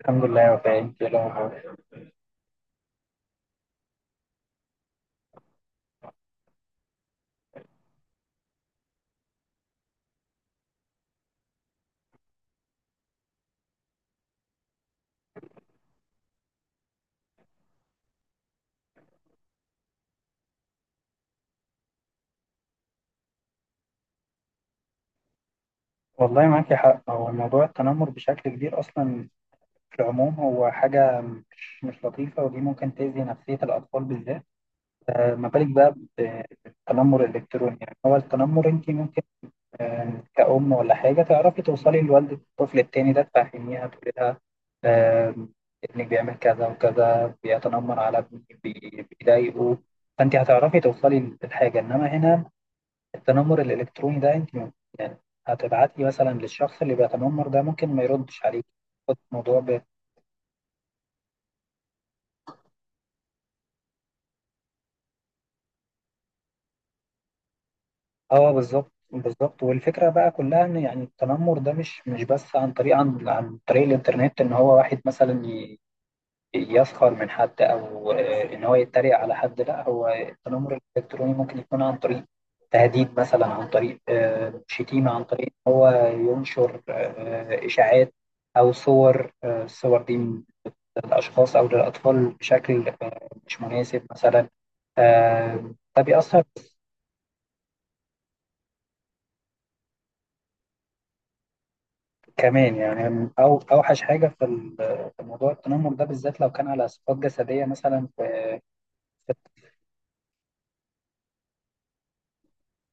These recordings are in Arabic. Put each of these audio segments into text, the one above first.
الحمد لله يا وفاء، انت ايه الاخبار؟ والله معاكي حق، هو موضوع التنمر بشكل كبير اصلا في العموم، هو حاجه مش لطيفه، ودي ممكن تاذي نفسيه الاطفال بالذات. ما بالك بقى بالتنمر الالكتروني؟ يعني هو التنمر انت ممكن، كأم ولا حاجه تعرفي توصلي لوالده الطفل التاني ده، تفهميها، تقولي لها آه، ابنك بيعمل كذا وكذا، بيتنمر على ابني، بيضايقه، فانت هتعرفي توصلي للحاجه. انما هنا التنمر الالكتروني ده، انت يعني هتبعتي مثلا للشخص اللي بيتنمر ده، ممكن ما يردش عليك. خد الموضوع ب اه، بالظبط بالظبط. والفكره بقى كلها ان يعني التنمر ده مش بس عن طريق عن طريق الانترنت، ان هو واحد مثلا يسخر من حد، او ان هو يتريق على حد. لا، هو التنمر الالكتروني ممكن يكون عن طريق تهديد مثلا، عن طريق شتيمه، عن طريق ان هو ينشر اشاعات او صور، الصور دي للأشخاص أو للأطفال بشكل مش مناسب مثلا. ده بيأثر كمان، يعني. أو أوحش حاجة في في موضوع التنمر ده بالذات لو كان على صفات جسدية مثلا، في في-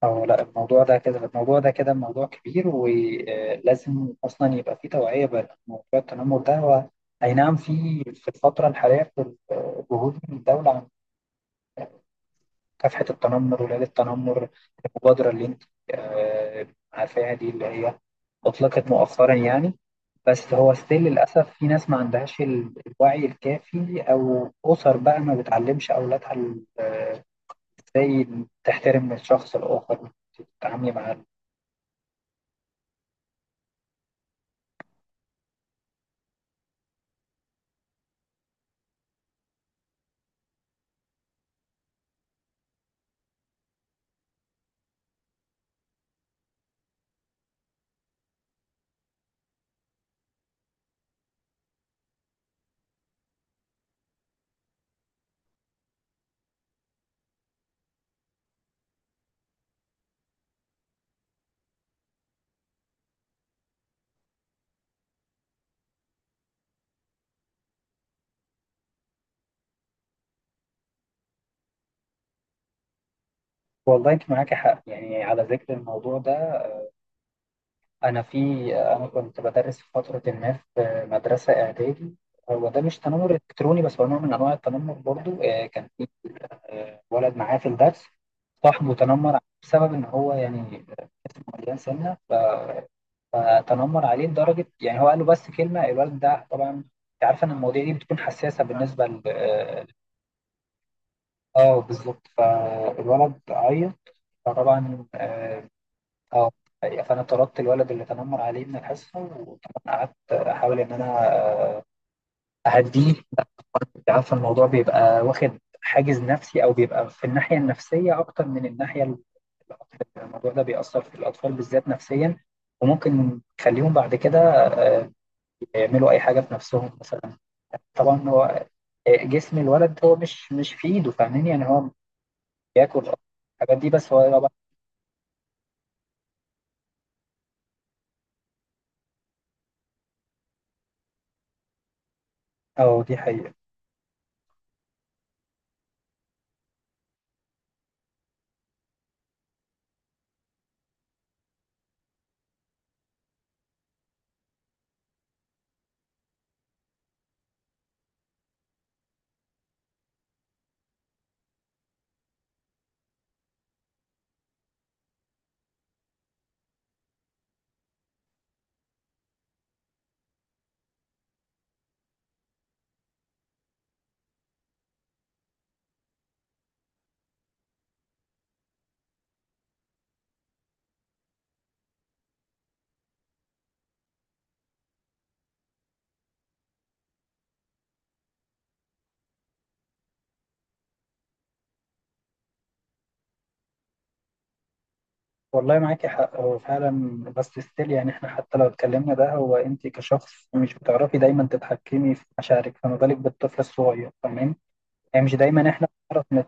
أو لا، الموضوع ده كده، موضوع كبير، ولازم أصلا يبقى فيه توعية بموضوع التنمر ده. هو أي نعم، في الفترة الحالية في جهود من الدولة عن مكافحة التنمر وليلة التنمر، المبادرة اللي أنت آه، عارفاها دي، اللي هي أطلقت مؤخرا يعني. بس هو ستيل للأسف في ناس ما عندهاش الوعي الكافي، أو أسر بقى ما بتعلمش أولادها إزاي تحترم الشخص الآخر وتتعاملي معاه. والله أنت معاكي حق، يعني على ذكر الموضوع ده، أنا في أنا كنت بدرس في فترة ما في مدرسة إعدادي. هو ده مش تنمر إلكتروني، بس هو نوع من أنواع التنمر برضو. كان في ولد معاه في الدرس، صاحبه تنمر بسبب إن هو يعني مليان سنة، فتنمر عليه لدرجه يعني هو قال له بس كلمه. الولد ده، طبعا انت عارفه ان المواضيع دي بتكون حساسه بالنسبه ل بالظبط. فالولد عيط، فطبعا آه، فانا طردت الولد اللي تنمر عليه من الحصه، وطبعا قعدت احاول ان انا آه، اهديه. انت عارفه الموضوع بيبقى واخد حاجز نفسي، او بيبقى في الناحيه النفسيه اكتر من الناحيه الموضوع ده بيأثر في الأطفال بالذات نفسيا، وممكن يخليهم بعد كده آه، يعملوا اي حاجه بنفسهم مثلا. طبعا هو جسم الولد هو مش في ايده، فاهمين؟ يعني هو بياكل الحاجات دي، بس هو طبعا اه دي حقيقه. والله معاكي حق، هو فعلا بس ستيل يعني، احنا حتى لو اتكلمنا ده، هو انت كشخص مش بتعرفي دايما تتحكمي في مشاعرك، فما بالك بالطفل الصغير؟ تمام، يعني مش دايما احنا بنعرف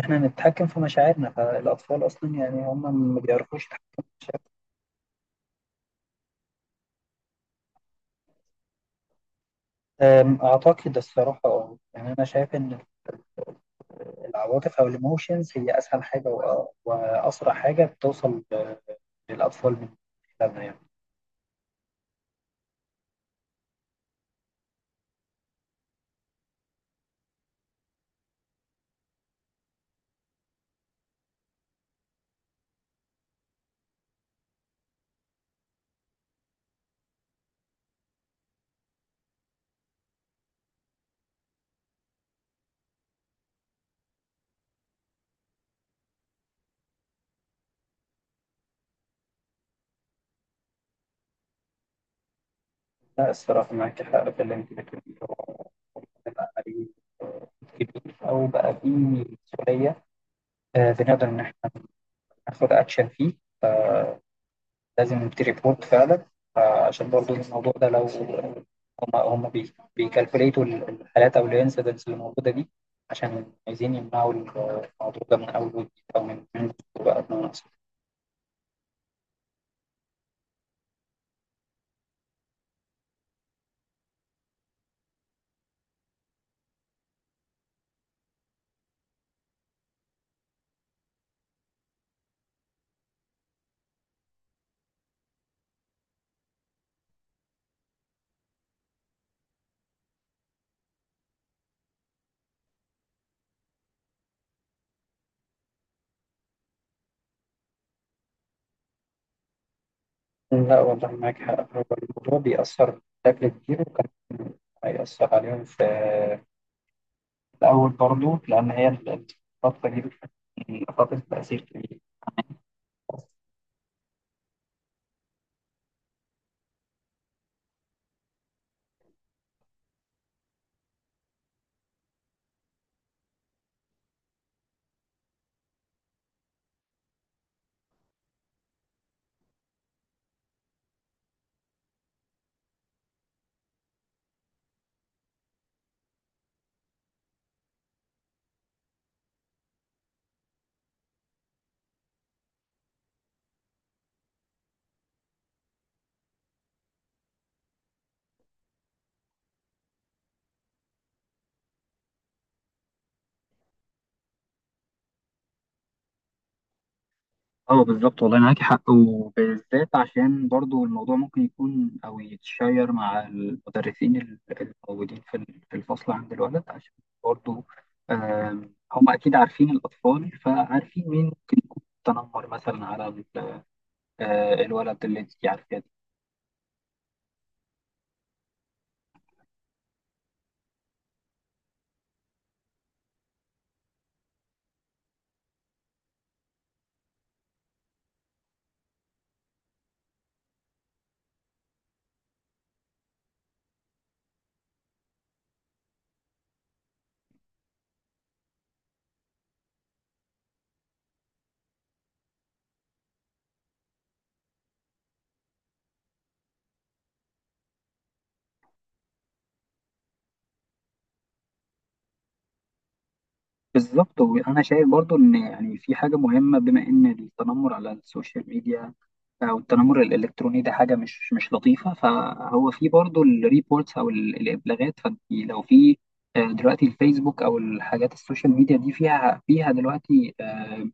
احنا نتحكم في مشاعرنا، فالاطفال اصلا يعني هم ما بيعرفوش يتحكموا في مشاعرهم. اعتقد الصراحه يعني انا شايف ان العواطف او الايموشنز هي اسهل حاجه واسرع حاجه بتوصل للاطفال من خلالها، يعني. لا الصراحه معاك حق في اللي انت بتقوليه، هو بيبقى عليه كبير، او بقى فيه مسؤوليه. بنقدر ان احنا ناخد اكشن فيه، لازم نبتدي ريبورت فعلا. عشان برضو الموضوع ده، لو هم بيكالكوليتوا الحالات او الانسيدنتس اللي موجوده دي، عشان عايزين يمنعوا الموضوع ده من اول وجديد، او من بقى. لا والله معاك حق، هو الموضوع بيأثر بشكل كبير، وكان هيأثر عليهم في الأول برضه، لأن هي الفترة دي بتكون فترة تأثير كبير. اه بالظبط، والله معاك حق، وبالذات عشان برضو الموضوع ممكن يكون او يتشير مع المدرسين الموجودين في الفصل عند الولد، عشان برضو هم اكيد عارفين الاطفال، فعارفين مين ممكن يكون تنمر مثلا على الولد اللي انت عارفاه. بالظبط، وانا شايف برضو ان يعني في حاجه مهمه، بما ان التنمر على السوشيال ميديا او التنمر الالكتروني ده حاجه مش لطيفه، فهو في برضو الريبورتس او الابلاغات. فانت لو في دلوقتي الفيسبوك او الحاجات السوشيال ميديا دي، فيها دلوقتي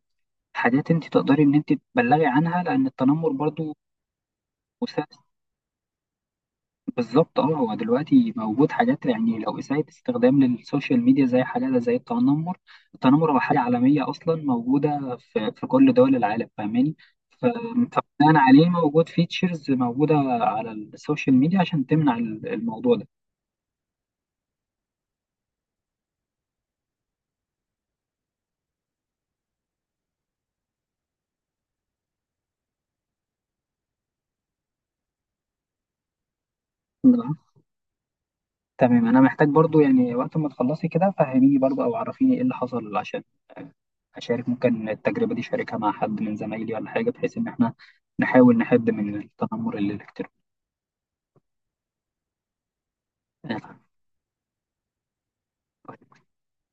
حاجات انت تقدري ان انت تبلغي عنها، لان التنمر برضو بالظبط. اه، هو دلوقتي موجود حاجات يعني، لو إساءة استخدام للسوشيال ميديا زي حاجة زي التنمر. التنمر هو حاجة عالمية أصلا، موجودة في كل دول العالم، فاهماني؟ ف- فبناء عليه موجود فيتشرز موجودة على السوشيال ميديا عشان تمنع الموضوع ده. تمام. تمام. أنا محتاج برضو يعني وقت ما تخلصي كده، فهميني برضو أو عرفيني إيه اللي حصل، عشان أشارك ممكن التجربة دي، أشاركها مع حد من زمايلي ولا حاجة، بحيث إن إحنا نحاول نحد من التنمر الإلكتروني.